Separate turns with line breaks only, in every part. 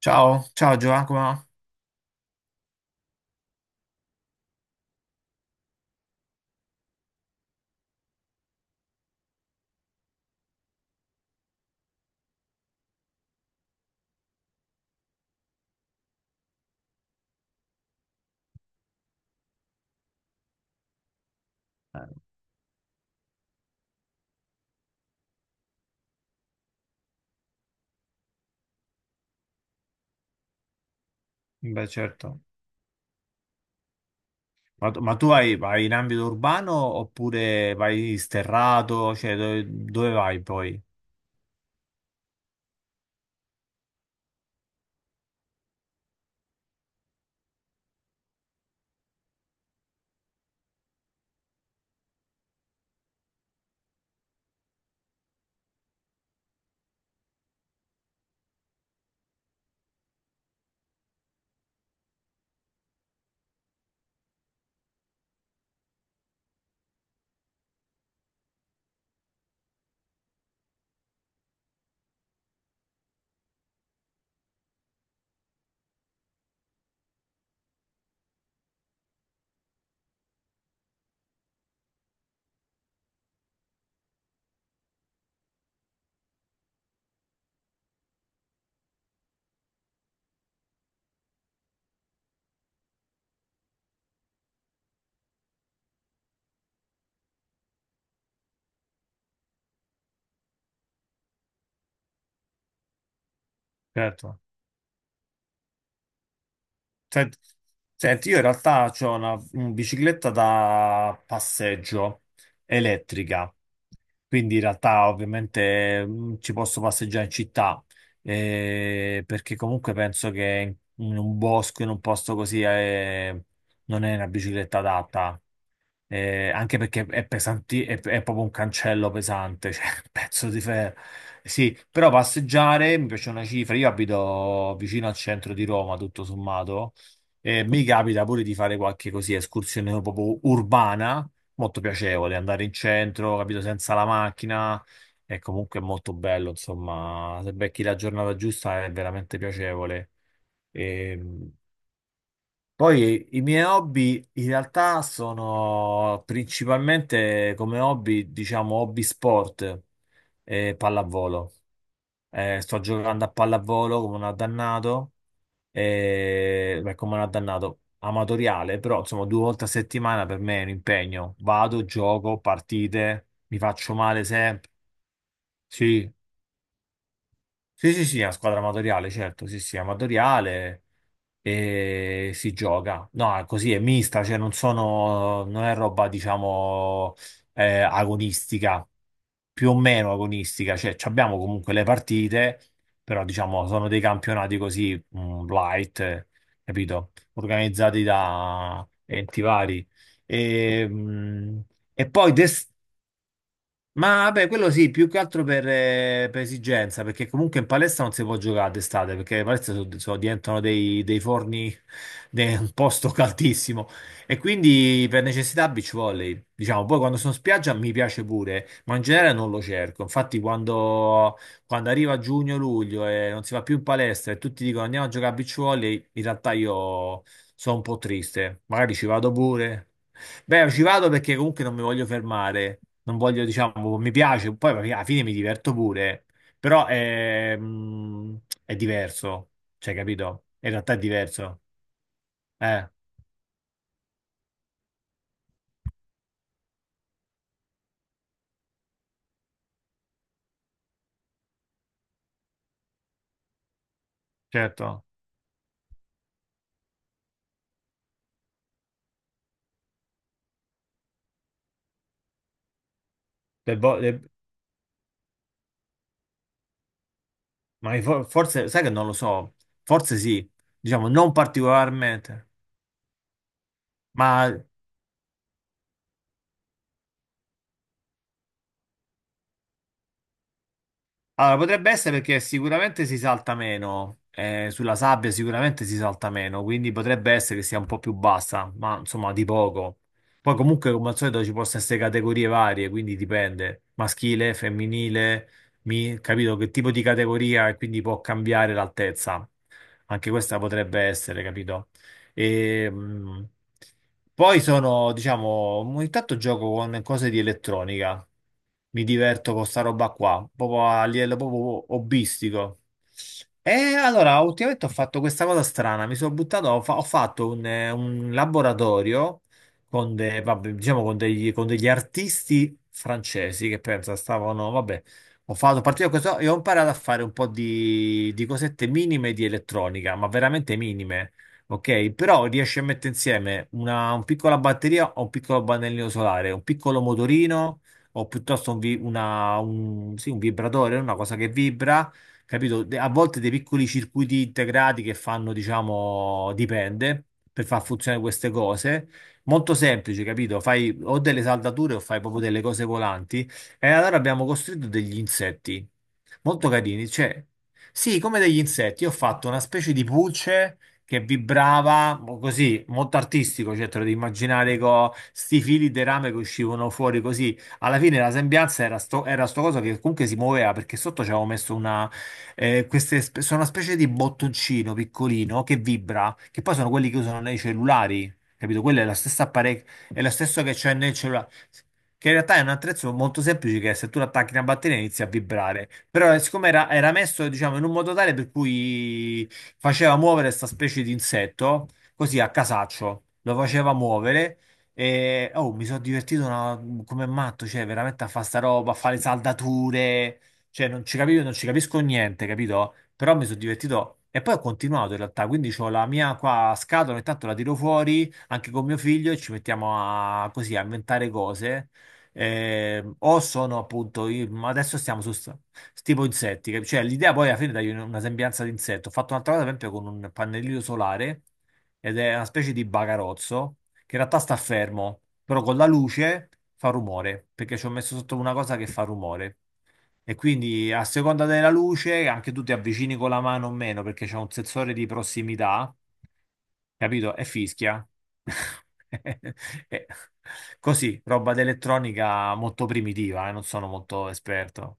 Ciao, ciao Giacomo. Eh, Beh, certo. Ma tu vai in ambito urbano oppure vai sterrato? Cioè, dove vai poi? Certo. Senti, senti, io in realtà ho una, un bicicletta da passeggio elettrica, quindi in realtà ovviamente ci posso passeggiare in città, perché comunque penso che in un bosco, in un posto così, non è una bicicletta adatta. Anche perché è pesanti, è proprio un cancello pesante, cioè un pezzo di ferro. Sì, però passeggiare mi piace una cifra. Io abito vicino al centro di Roma, tutto sommato, e mi capita pure di fare qualche così escursione proprio urbana, molto piacevole, andare in centro, capito, senza la macchina. È comunque molto bello, insomma, se becchi la giornata giusta è veramente piacevole. Ehm, Poi i miei hobby in realtà sono principalmente come hobby, diciamo, hobby sport e pallavolo. Sto giocando a pallavolo come un addannato, beh, come un addannato amatoriale, però insomma due volte a settimana per me è un impegno. Vado, gioco, partite, mi faccio male sempre. Sì, sì, sì, sì, è una squadra amatoriale, certo, sì, sì, amatoriale. E si gioca. No, è così è mista, cioè non sono, non è roba, diciamo, agonistica, più o meno agonistica, cioè ci abbiamo comunque le partite, però diciamo sono dei campionati così, light, capito? Organizzati da enti vari. E, mm, e poi d'estate ma vabbè, quello sì, più che altro per esigenza, perché comunque in palestra non si può giocare d'estate, perché le palestre diventano dei, dei forni, de- un posto caldissimo. E quindi per necessità beach volley, diciamo, poi quando sono in spiaggia mi piace pure, ma in genere non lo cerco. Infatti quando arriva giugno-luglio e non si va più in palestra e tutti dicono andiamo a giocare a beach volley, in realtà io sono un po' triste. Magari ci vado pure. Beh, ci vado perché comunque non mi voglio fermare, non voglio, diciamo, mi piace, poi alla fine mi diverto pure, però è, è diverso, cioè, capito? In realtà è diverso. Eh, certo. Le vo- le- ma i fo- forse, sai che non lo so, forse sì, diciamo, non particolarmente. Ma Allora, potrebbe essere perché sicuramente si salta meno, sulla sabbia sicuramente si salta meno, quindi potrebbe essere che sia un po' più bassa, ma insomma di poco. Poi comunque come al solito ci possono essere categorie varie, quindi dipende, maschile, femminile, mi- capito che tipo di categoria e quindi può cambiare l'altezza. Anche questa potrebbe essere, capito? E, mh, Poi sono, diciamo, ogni tanto gioco con cose di elettronica. Mi diverto con sta roba qua, proprio a livello proprio hobbistico. E allora, ultimamente ho fatto questa cosa strana, mi sono buttato, ho, fa- ho fatto un laboratorio con, de- vabbè, diciamo con degli artisti francesi che pensa stavano, vabbè, ho fatto partire questo e ho imparato a fare un po' di cosette minime di elettronica, ma veramente minime, ok? Però riesci a mettere insieme una piccola batteria o un piccolo pannellino solare, un piccolo motorino o piuttosto un, vi- una- un- sì, un vibratore, una cosa che vibra, capito? De- A volte dei piccoli circuiti integrati che fanno, diciamo, dipende per far funzionare queste cose. Molto semplice, capito? Fai o delle saldature o fai proprio delle cose volanti. E allora abbiamo costruito degli insetti molto carini, cioè, sì, come degli insetti. Io ho fatto una specie di pulce che vibrava mo- così, molto artistico, cioè te lo devi immaginare con sti fili di rame che uscivano fuori così. Alla fine la sembianza era sto coso che comunque si muoveva perché sotto ci avevo messo una, queste, spe- sono una specie di bottoncino piccolino che vibra, che poi sono quelli che usano nei cellulari, capito? Quello è la stessa apparecchio, è lo stesso che c'è nel cellulare. Che in realtà è un attrezzo molto semplice che se tu lo attacchi a una batteria inizia a vibrare. Però siccome era, era messo, diciamo, in un modo tale per cui faceva muovere questa specie di insetto, così a casaccio, lo faceva muovere e oh, mi sono divertito una- come matto, cioè veramente a fare sta roba, a fare saldature, cioè non ci capivo, non ci capisco niente, capito? Però mi sono divertito e poi ho continuato in realtà, quindi ho la mia qua scatola, ogni tanto la tiro fuori anche con mio figlio e ci mettiamo a così a inventare cose, o sono appunto, i- ma adesso stiamo su st- tipo insetti, cap- cioè l'idea poi alla fine dà una sembianza di insetto. Ho fatto un'altra cosa, per esempio, con un pannellino solare ed è una specie di bagarozzo che in realtà sta fermo, però con la luce fa rumore, perché ci ho messo sotto una cosa che fa rumore. E quindi a seconda della luce anche tu ti avvicini con la mano o meno perché c'è un sensore di prossimità, capito? E fischia. E- Così, roba d'elettronica molto primitiva, non sono molto esperto.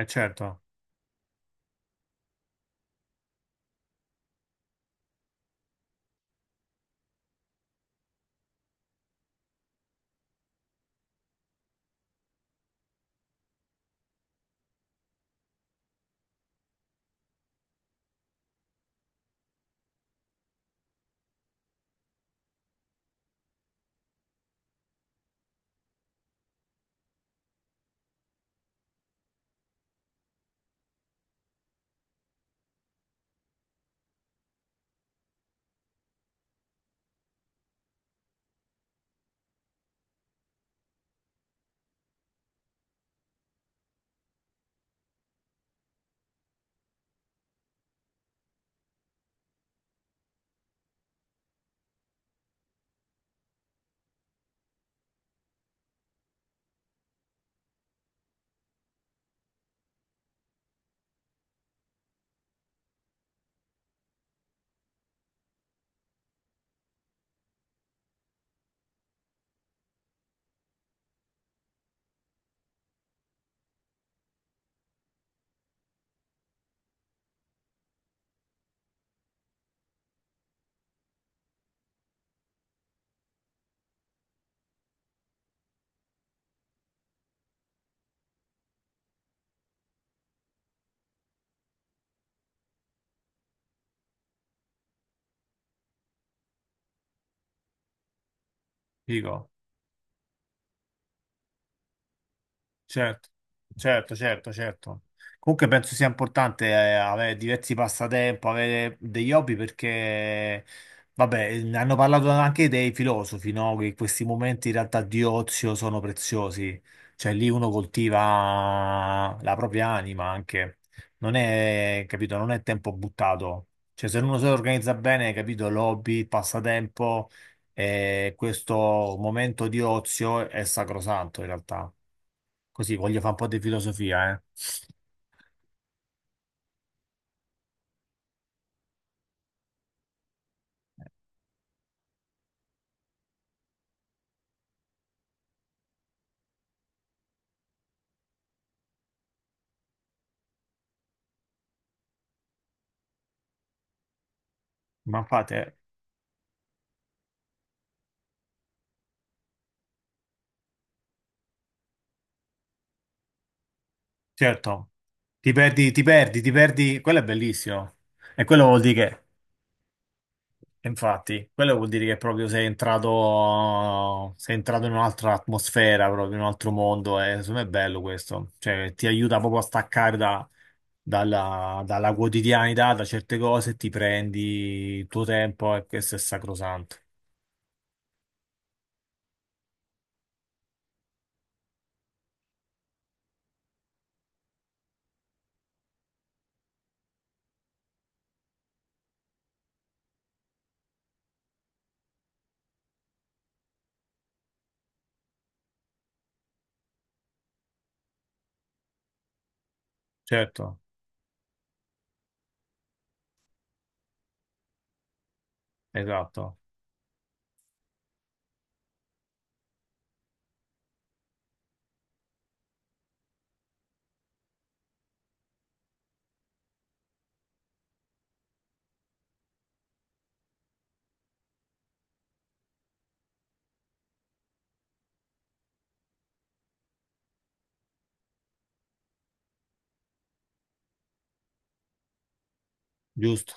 E certo, dico. Certo, certo, certo, certo. Comunque penso sia importante avere diversi passatempo, avere degli hobby perché, vabbè, ne hanno parlato anche dei filosofi, no? Che questi momenti in realtà di ozio sono preziosi, cioè lì uno coltiva la propria anima anche, non è, capito, non è tempo buttato. Cioè se uno si organizza bene, capito, l'hobby, il passatempo, questo momento di ozio è sacrosanto in realtà. Così voglio fare un po' di filosofia, eh. Ma fate, certo, ti perdi, quello è bellissimo. E quello vuol dire che, Quello vuol dire che proprio sei entrato in un'altra atmosfera, proprio in un altro mondo, e secondo me è bello questo. Cioè, ti aiuta proprio a staccare da- dalla, dalla quotidianità, da certe cose, ti prendi il tuo tempo e questo è sacrosanto. Certo, esatto, giusto.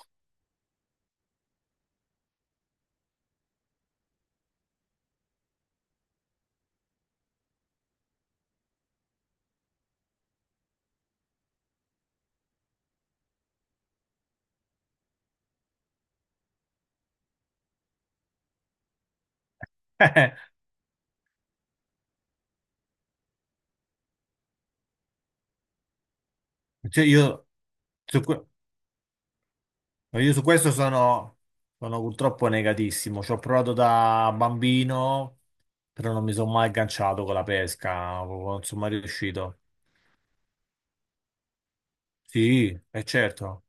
Cioè, io... su que- No, io su questo sono, sono purtroppo negatissimo. Ci ho provato da bambino, però non mi sono mai agganciato con la pesca, proprio non sono mai riuscito. Sì, è certo.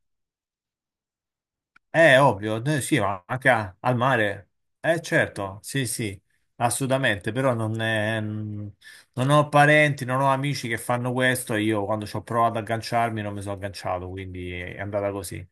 È ovvio, sì, ma anche a- al mare. È certo, sì, sì, assolutamente, però non è- non ho parenti, non ho amici che fanno questo e io quando ci ho provato ad agganciarmi non mi sono agganciato, quindi è andata così.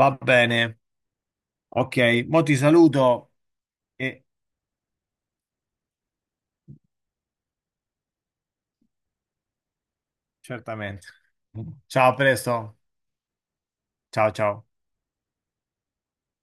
Va bene, ok, mo ti saluto e certamente. Ciao, a presto. Ciao, ciao.